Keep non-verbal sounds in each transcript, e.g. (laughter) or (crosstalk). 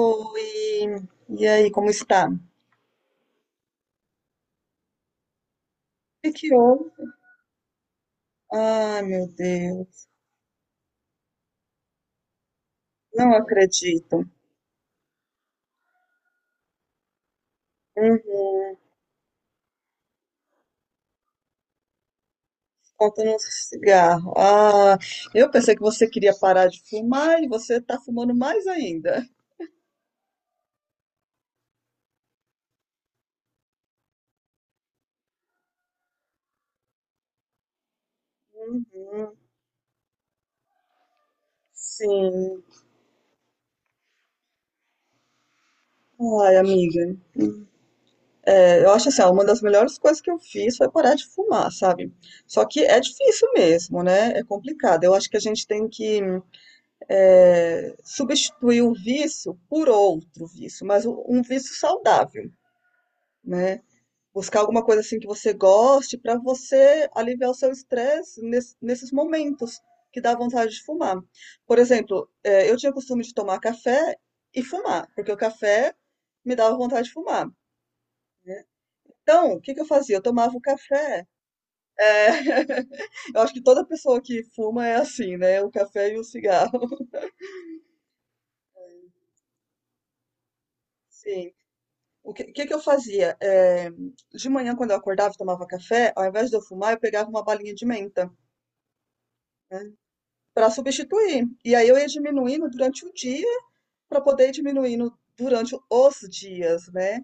Oi, e aí, como está? O que que houve? Ai, meu Deus, não acredito. Uhum, contando um cigarro. Ah, eu pensei que você queria parar de fumar e você está fumando mais ainda. Uhum, sim, ai, amiga. É, eu acho assim, ó, uma das melhores coisas que eu fiz foi parar de fumar, sabe? Só que é difícil mesmo, né? É complicado. Eu acho que a gente tem que é, substituir o vício por outro vício, mas um vício saudável, né? Buscar alguma coisa assim que você goste para você aliviar o seu estresse nesses momentos que dá vontade de fumar. Por exemplo, eu tinha o costume de tomar café e fumar, porque o café me dava vontade de fumar, né? Então, o que que eu fazia? Eu tomava o café. eh, (laughs) Eu acho que toda pessoa que fuma é assim, né? O café e o cigarro. (laughs) Sim. O que, que eu fazia? De manhã, quando eu acordava e tomava café, ao invés de eu fumar, eu pegava uma balinha de menta, né? Para substituir. E aí eu ia diminuindo durante o dia para poder ir diminuindo durante os dias, né?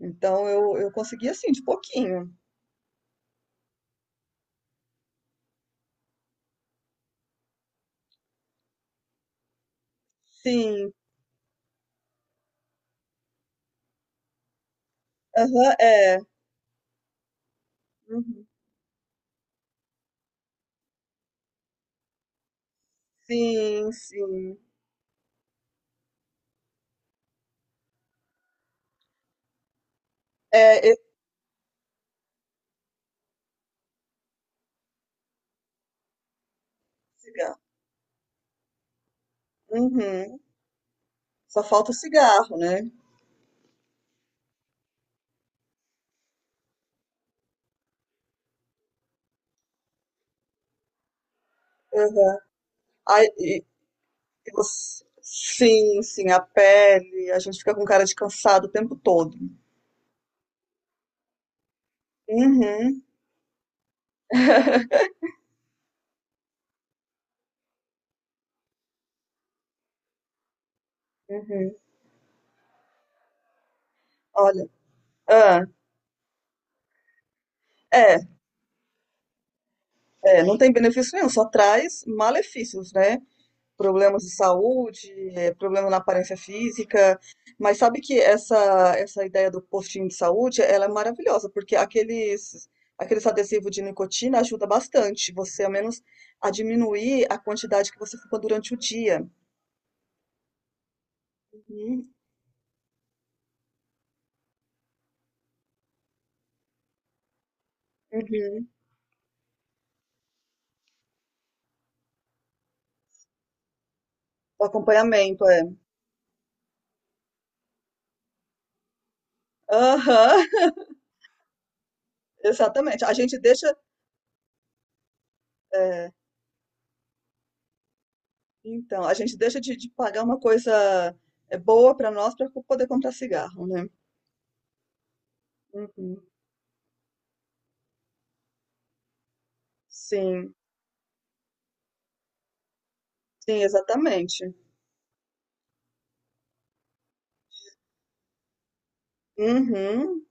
Então eu consegui assim, de pouquinho. Sim, aham, é. Uhum. Sim, sim. É, esse cigarro. Uhum. Só falta o cigarro, né? Uhum. Aí, sim, sim, a pele, a gente fica com cara de cansado o tempo todo. Uhum. (laughs) Uhum. Olha, ah, é, é, não tem benefício nenhum, só traz malefícios, né? Problemas de saúde, é, problema na aparência física. Mas sabe que essa ideia do postinho de saúde, ela é maravilhosa, porque aqueles adesivos de nicotina ajuda bastante você, ao menos, a diminuir a quantidade que você fuma durante o dia. Uhum, uhum. O acompanhamento, é. Aham, (laughs) exatamente. A gente deixa, é, então, a gente deixa de pagar uma coisa é, boa para nós para poder comprar cigarro, né? Uhum. Sim, sim, exatamente. Uhum.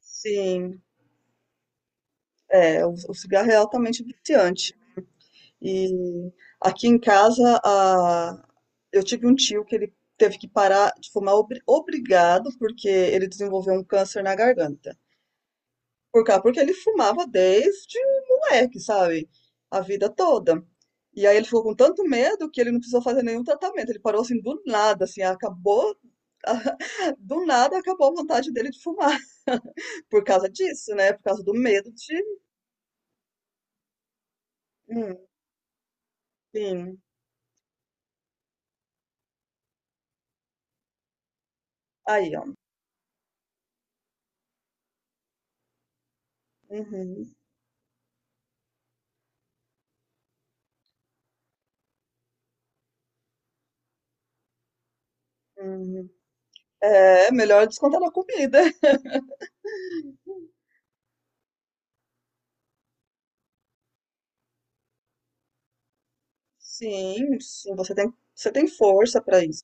Sim, é, o cigarro é altamente viciante. E aqui em casa, eu tive um tio que ele teve que parar de fumar obrigado, porque ele desenvolveu um câncer na garganta. Por cá, porque ele fumava desde moleque, sabe? A vida toda. E aí ele ficou com tanto medo que ele não precisou fazer nenhum tratamento. Ele parou assim do nada, assim, acabou, (laughs) do nada acabou a vontade dele de fumar. Por causa disso, né? Por causa do medo de. Hum, sim. Aí, ó. Uhum, uhum. É melhor descontar na comida. Sim, sim. Você tem força pra isso.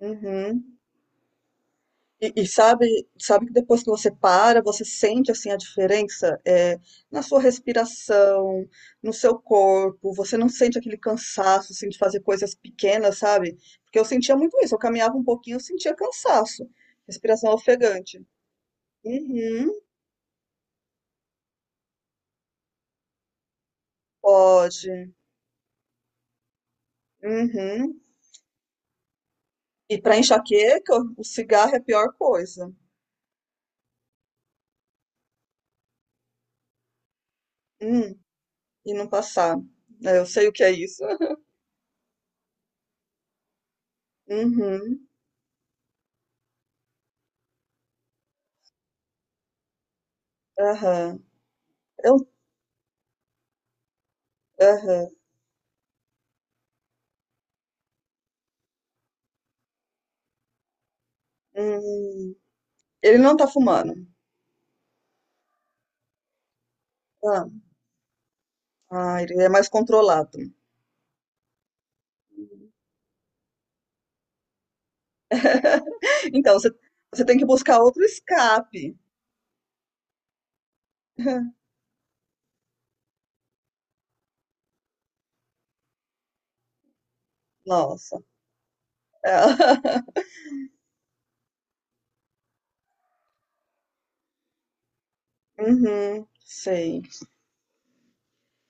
Uhum. E sabe que depois que você para, você sente assim a diferença é, na sua respiração, no seu corpo, você não sente aquele cansaço assim, de fazer coisas pequenas, sabe? Porque eu sentia muito isso, eu caminhava um pouquinho, eu sentia cansaço, respiração ofegante. Uhum, pode. Uhum. E para enxaqueca, o cigarro é a pior coisa. Hum, e não passar. É, eu sei o que é isso. Uhum. Aham. Eu, aham. Hum. Ele não tá fumando. Ah, ah, ele é mais controlado. (laughs) Então, você, você tem que buscar outro escape. (laughs) Nossa. É. (laughs) Uhum, sei.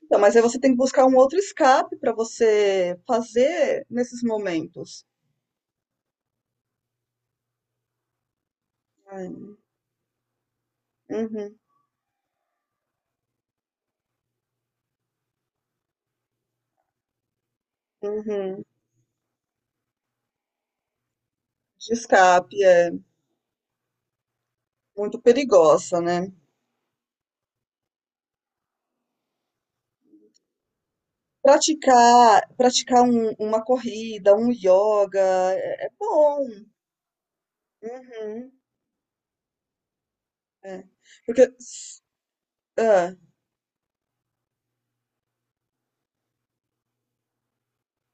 Então, mas aí você tem que buscar um outro escape para você fazer nesses momentos. Ai, uhum, uhum. De escape é muito perigosa, né? Praticar, praticar uma corrida, um yoga é, é bom. Uhum, é. Porque ah,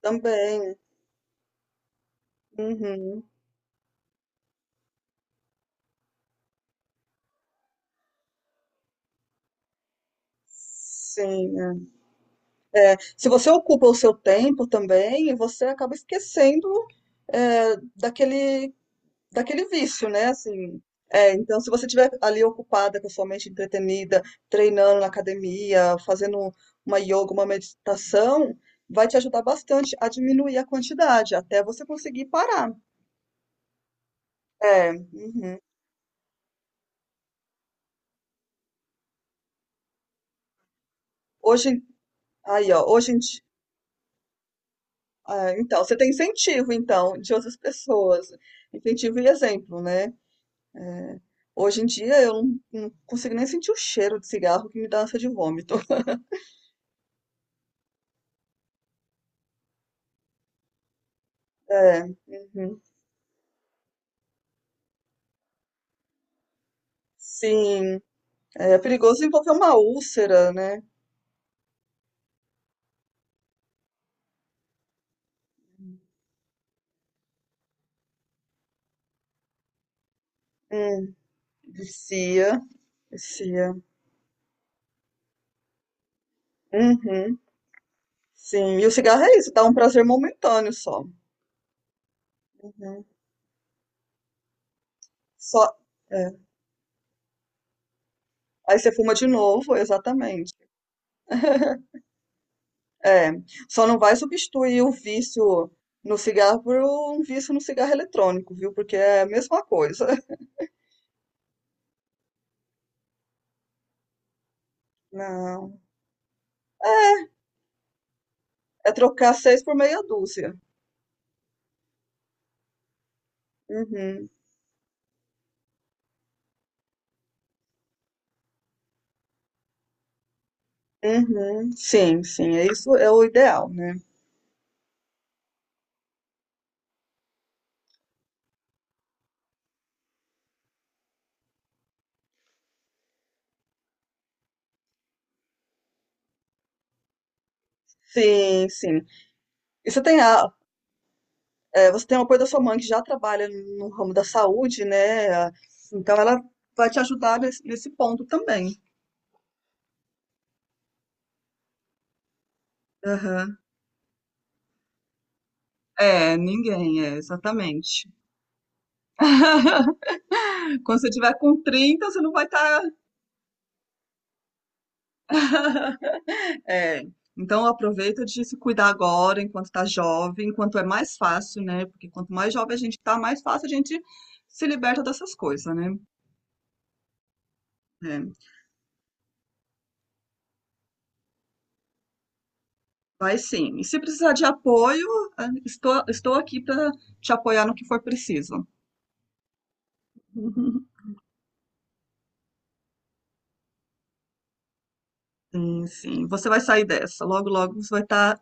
também, uhum, sim, é. Se você ocupa o seu tempo também, você acaba esquecendo é, daquele vício, né? Assim, é, então, se você estiver ali ocupada com a sua mente entretenida, treinando na academia, fazendo uma yoga, uma meditação, vai te ajudar bastante a diminuir a quantidade, até você conseguir parar. É, uhum. Hoje, em- Aí, ó, ah, então, você tem incentivo, então, de outras pessoas, incentivo e exemplo, né? É, hoje em dia, eu não, não consigo nem sentir o cheiro de cigarro que me dá ânsia de vômito. (laughs) É, uhum. Sim. É perigoso envolver uma úlcera, né? Hum, vicia, vicia. Uhum, sim. E o cigarro é isso, dá um prazer momentâneo só. Uhum. Só. É. Aí você fuma de novo, exatamente. É. Só não vai substituir o vício no cigarro por um vício no cigarro eletrônico, viu? Porque é a mesma coisa. (laughs) Não. É trocar seis por meia dúzia. Uhum. Uhum. Sim, sim. É isso, é o ideal, né? Sim, sim. E você tem a, eh, você tem o apoio da sua mãe que já trabalha no ramo da saúde, né? Então ela vai te ajudar nesse ponto também. Aham. É, ninguém, é, exatamente. (laughs) Quando você tiver com 30, você não vai estar. (laughs) É. Então aproveita de se cuidar agora, enquanto tá jovem, enquanto é mais fácil, né? Porque quanto mais jovem a gente tá, mais fácil a gente se liberta dessas coisas, né? É. Vai sim. E se precisar de apoio, ah, estou, estou aqui para te apoiar no que for preciso. (laughs) Sim, sim. Você vai sair dessa. Logo, logo você vai estar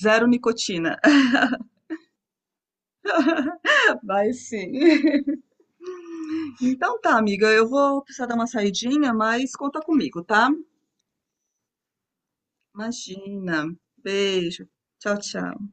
zero nicotina. (laughs) Vai sim. Então tá, amiga. Eu vou precisar dar uma saidinha, mas conta comigo, tá? Imagina. Beijo. Tchau, tchau.